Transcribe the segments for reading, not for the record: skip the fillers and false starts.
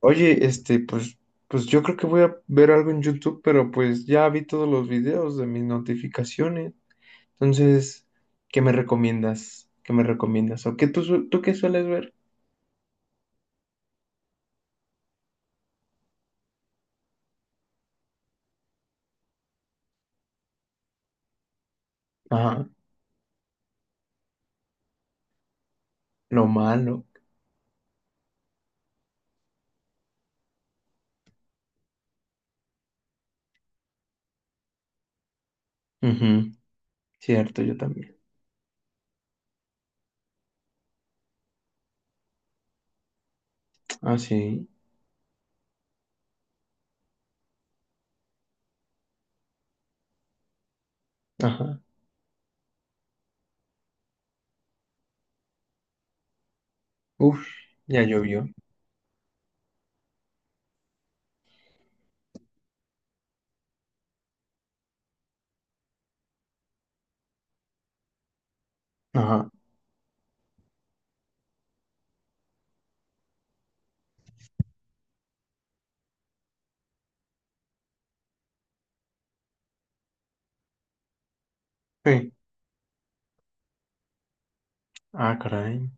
Oye, pues yo creo que voy a ver algo en YouTube, pero pues ya vi todos los videos de mis notificaciones. Entonces, ¿qué me recomiendas? ¿Qué me recomiendas? ¿O qué tú qué sueles ver? Ajá, lo malo. Ujú. Cierto, yo también. Ah, sí. Ajá. Uf, ya llovió. Ajá. Sí. Ah, caray.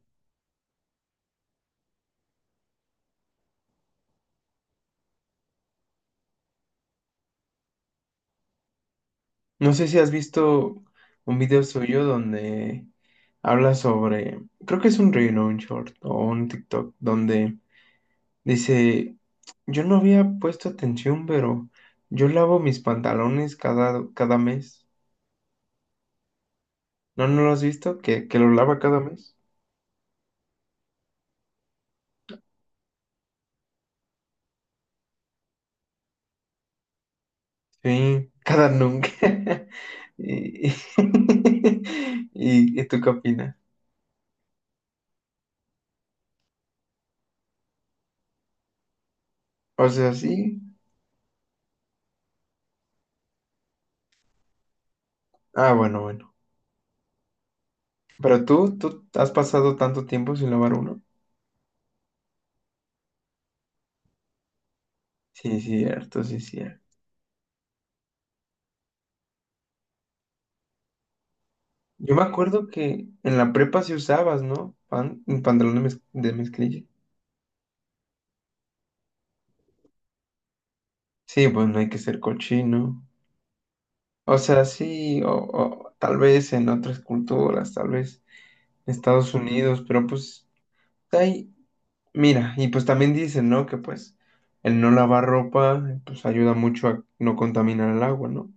No sé si has visto un video suyo donde habla sobre, creo que es un reel o un short o un TikTok, donde dice, yo no había puesto atención, pero yo lavo mis pantalones cada mes. ¿No, no lo has visto? ¿Que lo lava cada mes? Sí, cada nunca. ¿Y, y, ¿y tú qué opinas? O sea, sí. Ah, bueno, bueno. Pero tú has pasado tanto tiempo sin lavar uno. Sí, cierto, sí, cierto. Yo me acuerdo que en la prepa sí usabas, ¿no? Pan, un pantalón de, de mezclilla. Sí, pues no hay que ser cochino. O sea, sí, o tal vez en otras culturas, tal vez en Estados Unidos, pero pues ahí, mira, y pues también dicen, ¿no? Que pues el no lavar ropa, pues ayuda mucho a no contaminar el agua, ¿no?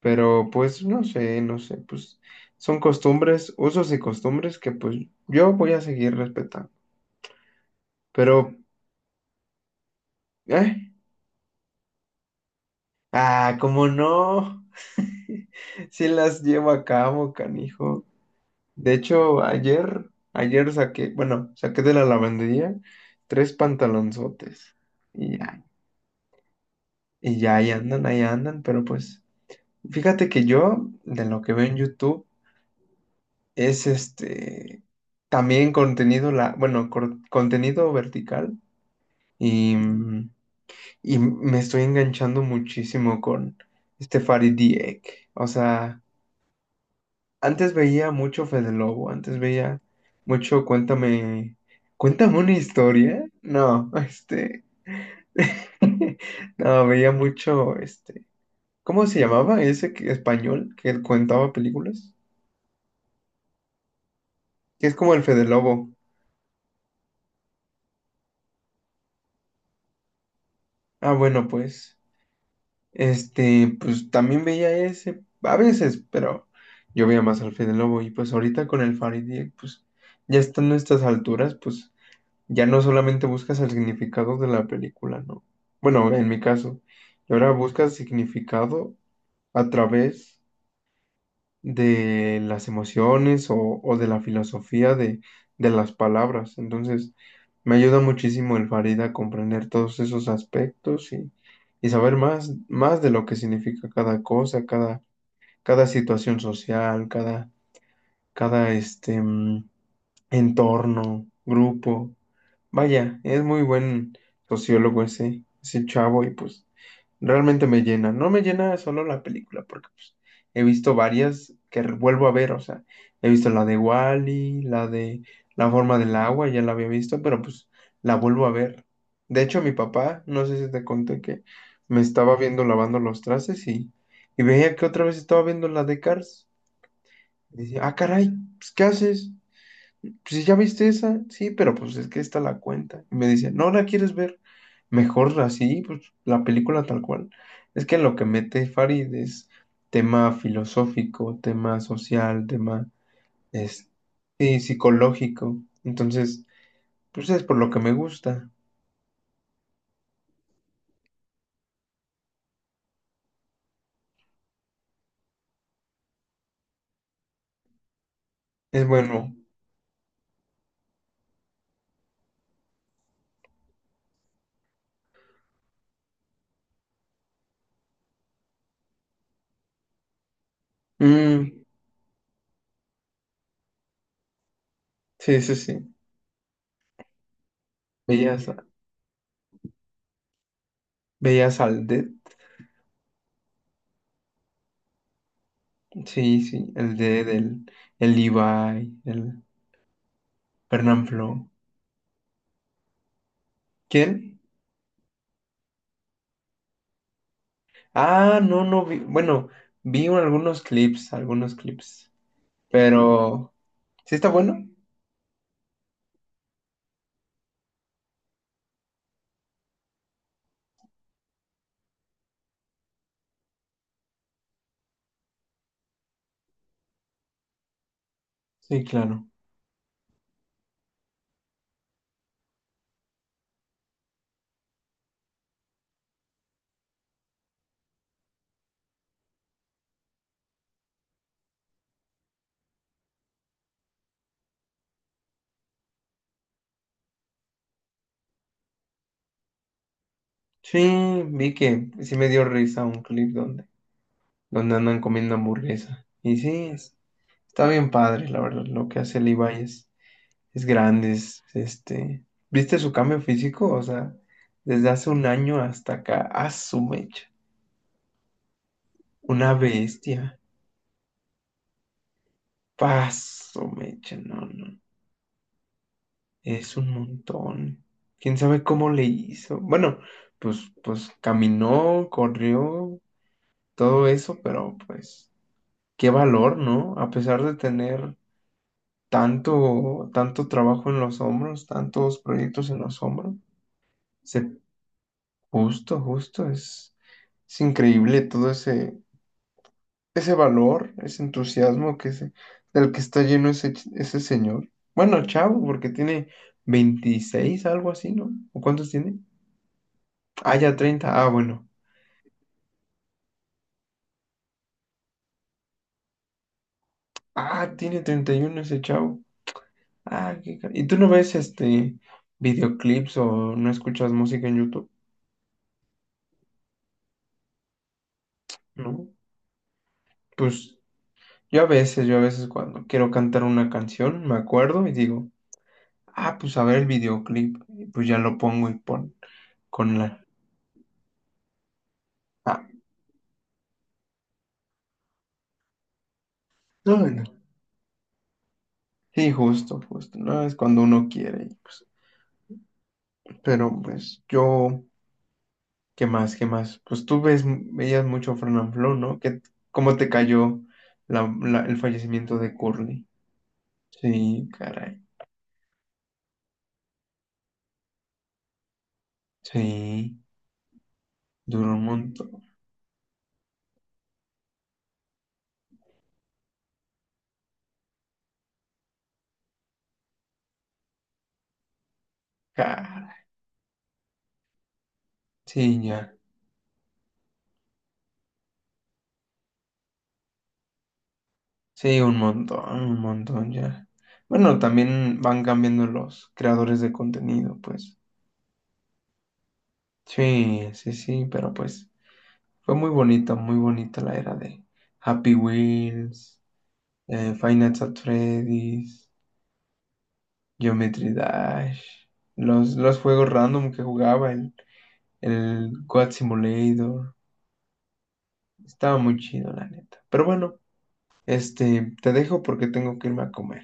Pero pues no sé, no sé, pues son costumbres, usos y costumbres que pues yo voy a seguir respetando. Pero, ¿eh? Ah, ¿cómo no? Si las llevo a cabo, canijo. De hecho, ayer saqué, bueno, saqué de la lavandería tres pantalonzotes. Y ya, y ya ahí andan, pero pues, fíjate que yo, de lo que veo en YouTube, es también contenido, la, bueno, contenido vertical. Y, mm, y me estoy enganchando muchísimo con este Farid Dieck. O sea, antes veía mucho Fede Lobo, antes veía mucho cuéntame, cuéntame una historia. No, veía mucho, este, ¿cómo se llamaba ese español que contaba películas? Que es como el Fede Lobo. Ah, bueno, pues, pues también veía ese, a veces, pero yo veía más al Fede Lobo y pues ahorita con el Farid Dieck, pues ya estando a estas alturas, pues ya no solamente buscas el significado de la película, ¿no? Bueno, en mi caso, y ahora buscas significado a través de las emociones o de la filosofía de las palabras. Entonces, me ayuda muchísimo el Farida a comprender todos esos aspectos y saber más de lo que significa cada cosa, cada, cada situación social, cada, cada entorno, grupo. Vaya, es muy buen sociólogo ese chavo y pues realmente me llena. No me llena solo la película, porque pues, he visto varias que vuelvo a ver, o sea, he visto la de Wally, la de la forma del agua, ya la había visto, pero pues la vuelvo a ver. De hecho, mi papá, no sé si te conté que me estaba viendo lavando los trastes y veía que otra vez estaba viendo la de Cars. Y decía, ah, caray, pues, ¿qué haces? Pues ya viste esa, sí, pero pues es que esta la cuenta. Y me dice, no la quieres ver, mejor así, pues la película tal cual. Es que lo que mete Farid es tema filosófico, tema social, tema es, sí, psicológico. Entonces, pues es por lo que me gusta. Es bueno. Mm, sí, sí, sí. Veías, veías al Dead. Sí, sí, el Dead, el Levi, el Fernanfloo. ¿Quién? Ah, no, no vi. Bueno, vi algunos clips, algunos clips. Pero, ¿sí está bueno? Sí, claro. Sí, vi que sí me dio risa un clip donde, donde andan comiendo hamburguesa. Y sí, está bien padre, la verdad, lo que hace Levi es grande, es, este... ¿Viste su cambio físico? O sea, desde hace un año hasta acá, a su mecha. Una bestia. Paso mecha, no. Es un montón. ¿Quién sabe cómo le hizo? Bueno, pues, pues caminó, corrió, todo eso, pero pues qué valor, ¿no? A pesar de tener tanto trabajo en los hombros, tantos proyectos en los hombros, se justo, justo, es increíble todo ese valor, ese entusiasmo del que está lleno ese señor. Bueno, chavo, porque tiene 26 algo así, ¿no? ¿O cuántos tiene? Ah, ya 30. Ah, bueno. Ah, tiene 31 ese chavo. Ah, ¿y tú no ves este videoclips o no escuchas música en YouTube? ¿No? Pues yo a veces cuando quiero cantar una canción, me acuerdo y digo, ah, pues a ver el videoclip. Y pues ya lo pongo y pon con la. Ah, no, no. Sí, justo, justo. No es cuando uno quiere. Y pues, pero pues yo. ¿Qué más? ¿Qué más? Pues tú ves, veías mucho Fran and Flow, ¿no? ¿Qué, cómo te cayó el fallecimiento de Curly? Sí, caray. Sí, duró un montón. Caray. Sí, ya. Sí, un montón ya. Bueno, también van cambiando los creadores de contenido, pues. Sí, sí, sí, pero pues fue muy bonita la era de Happy Wheels, Five Nights at Freddy's. Geometry Dash. Los juegos random que jugaba, el God Simulator. Estaba muy chido, la neta. Pero bueno, te dejo porque tengo que irme a comer.